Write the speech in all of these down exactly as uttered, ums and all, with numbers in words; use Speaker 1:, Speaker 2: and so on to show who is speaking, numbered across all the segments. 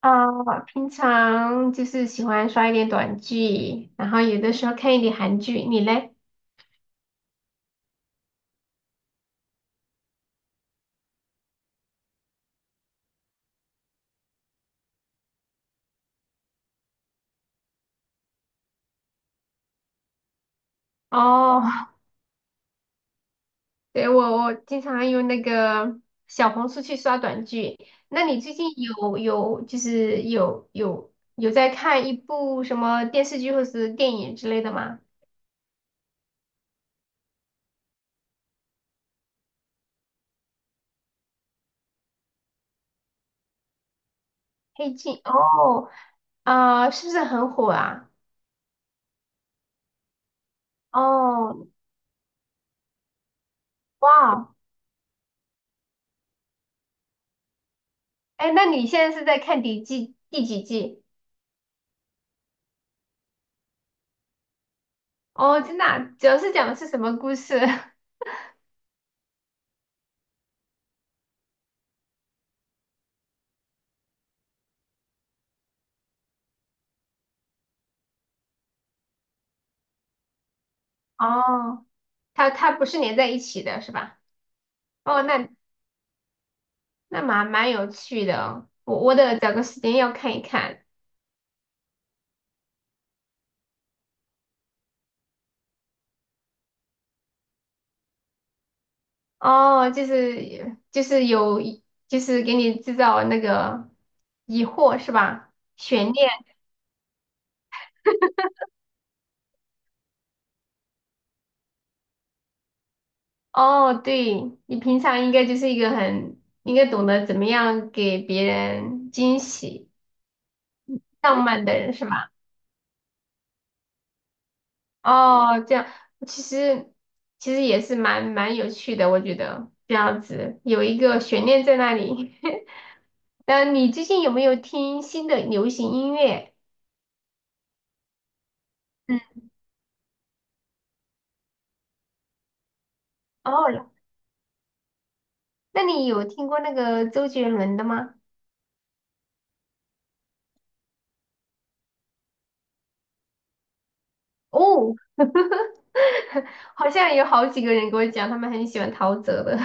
Speaker 1: 啊，平常就是喜欢刷一点短剧，然后有的时候看一点韩剧。你嘞？哦，对，我我经常用那个小红书去刷短剧。那你最近有有就是有有有在看一部什么电视剧或是电影之类的吗？黑镜哦，啊、是不是很火啊？哦，哇，哎，那你现在是在看第几第几季？哦，真的啊主要是讲的是什么故事？哦，它它不是连在一起的，是吧？哦，那那蛮蛮有趣的哦，我我得找个时间要看一看。哦，就是就是有就是给你制造那个疑惑是吧？悬念。哦，对，你平常应该就是一个很应该懂得怎么样给别人惊喜、浪漫的人是吧？哦，这样其实其实也是蛮蛮有趣的，我觉得这样子有一个悬念在那里。那你最近有没有听新的流行音乐？嗯，哦，那你有听过那个周杰伦的吗？哦，好像有好几个人跟我讲，他们很喜欢陶喆的。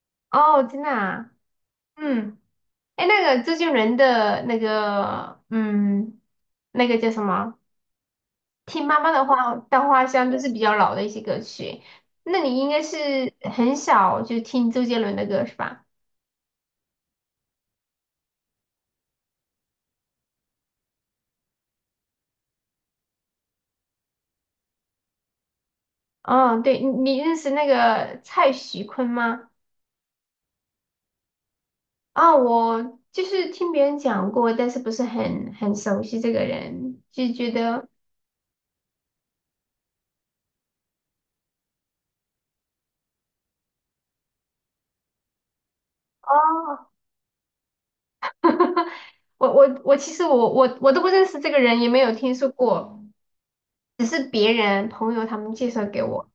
Speaker 1: 哦，真的啊，嗯，哎，那个周杰伦的那个，嗯，那个叫什么？听妈妈的话稻花香都是比较老的一些歌曲。那你应该是很小就听周杰伦的歌是吧？哦，对，你你认识那个蔡徐坤吗？啊、我就是听别人讲过，但是不是很很熟悉这个人，就觉得哦，我我我其实我我我都不认识这个人，也没有听说过，只是别人朋友他们介绍给我。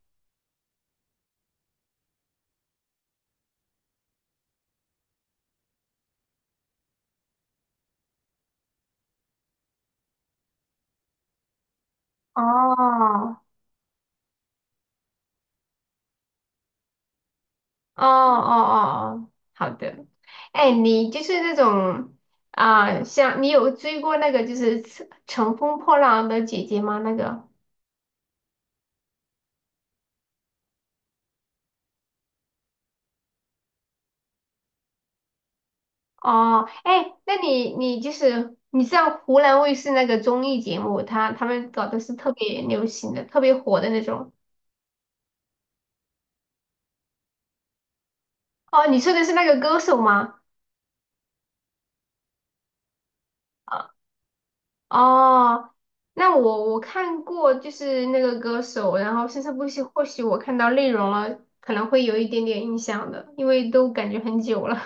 Speaker 1: 哦，哦哦哦，哦好的。哎，你就是那种啊、像你有追过那个就是乘乘风破浪的姐姐吗？那个哦，哎，那你你就是你知道湖南卫视那个综艺节目，他他们搞的是特别流行的、特别火的那种。哦，你说的是那个歌手吗？哦，那我我看过就是那个歌手，然后甚至不许或许我看到内容了，可能会有一点点印象的，因为都感觉很久了。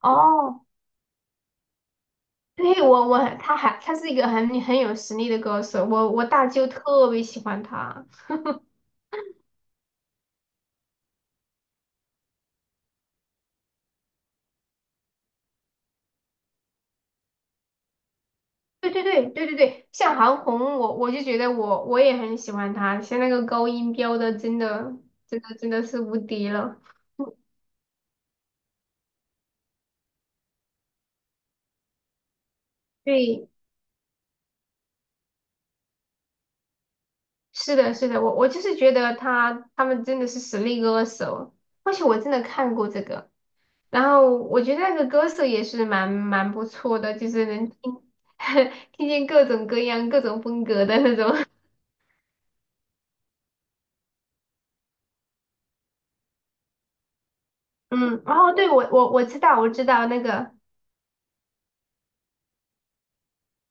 Speaker 1: 哦，对，我我他还他是一个很很有实力的歌手，我我大舅特别喜欢他。对对对对对对，像韩红，我我就觉得我我也很喜欢他，像那个高音飙的，真的真的真的是无敌了。对，是的，是的，我我就是觉得他他们真的是实力歌手，而且我真的看过这个，然后我觉得那个歌手也是蛮蛮不错的，就是能听 听见各种各样、各种风格的那种。嗯，哦，对我我我知道我知道那个，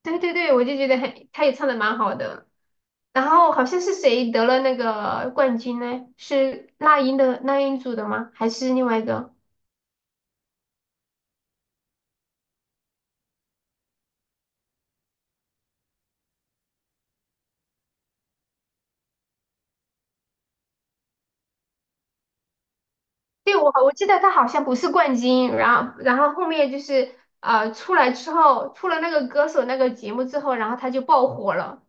Speaker 1: 对对对，我就觉得很，他也唱的蛮好的。然后好像是谁得了那个冠军呢？是那英的那英组的吗？还是另外一个？对，我我记得他好像不是冠军，然后然后后面就是呃出来之后，出了那个歌手那个节目之后，然后他就爆火了。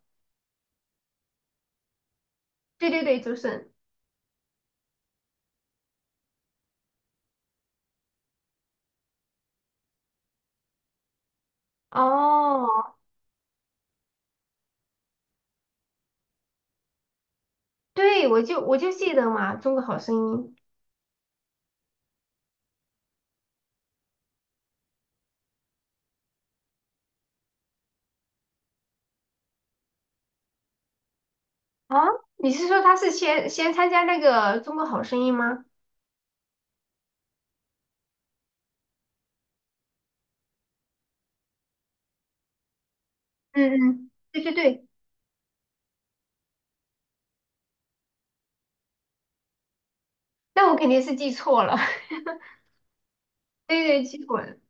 Speaker 1: 对对对，周深。哦，对，我就我就记得嘛，《中国好声音》啊，你是说他是先先参加那个《中国好声音》吗？嗯嗯，对对对，那我肯定是记错了，对对，记混。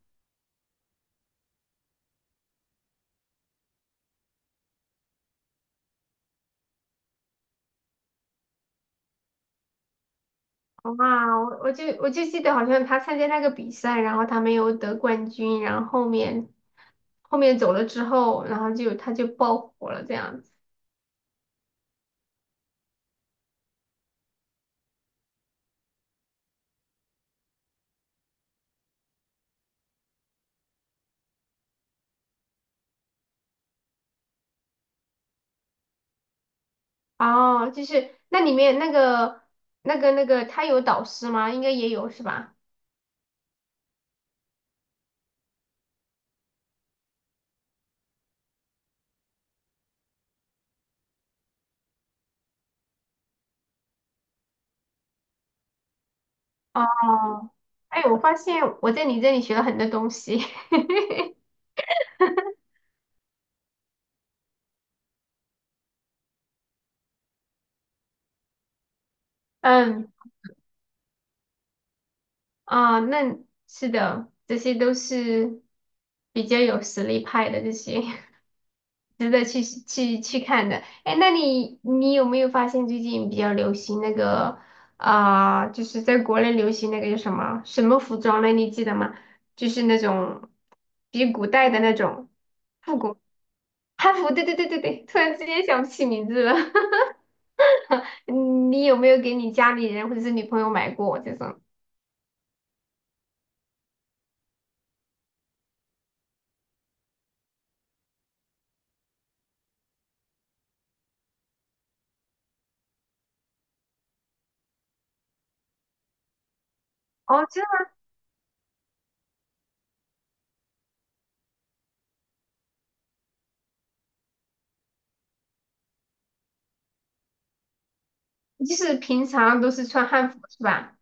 Speaker 1: 哇，我我就我就记得好像他参加那个比赛，然后他没有得冠军，然后后面后面走了之后，然后就他就爆火了这样子。哦，就是那里面那个那个那个他有导师吗？应该也有是吧？哦，哎，我发现我在你这里学了很多东西。嗯啊，那是的，这些都是比较有实力派的这些。值得去去去看的。哎，那你你有没有发现最近比较流行那个啊、就是在国内流行那个叫什么什么服装呢？你记得吗？就是那种比古代的那种复古汉服。对对对对对，突然之间想不起名字了。你有没有给你家里人或者是女朋友买过这种？哦，这就是平常都是穿汉服是吧？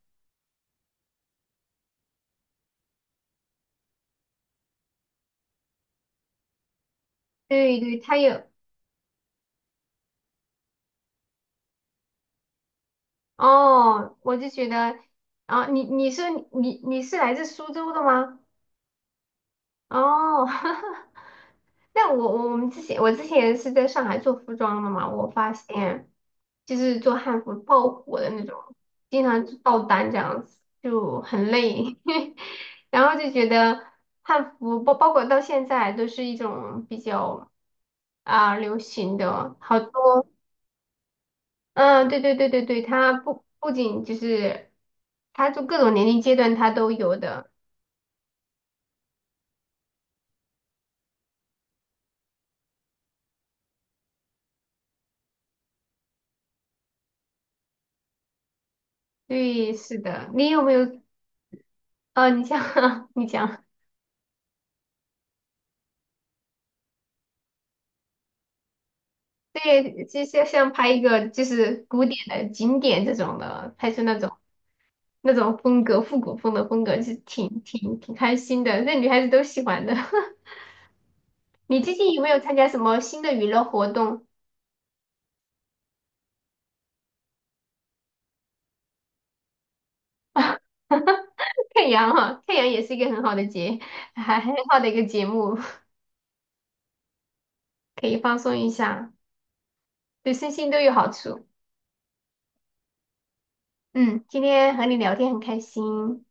Speaker 1: 对对，它有。哦，我就觉得，啊，你你是你你是来自苏州的吗？哦，那我我我们之前我之前是在上海做服装的嘛，我发现就是做汉服爆火的那种，经常就爆单这样子，就很累，然后就觉得汉服包包括到现在都是一种比较啊、流行的，好多嗯，对对对对对，它不不仅就是，它就各种年龄阶段它都有的。对，是的。你有没有？啊？你像 你讲，对，就像像拍一个就是古典的景点这种的，拍出那种那种风格，复古风的风格，是挺挺挺开心的，那女孩子都喜欢的。你最近有没有参加什么新的娱乐活动？太阳哈，太阳也是一个很好的节，还很好的一个节目，可以放松一下，对身心都有好处。嗯，今天和你聊天很开心。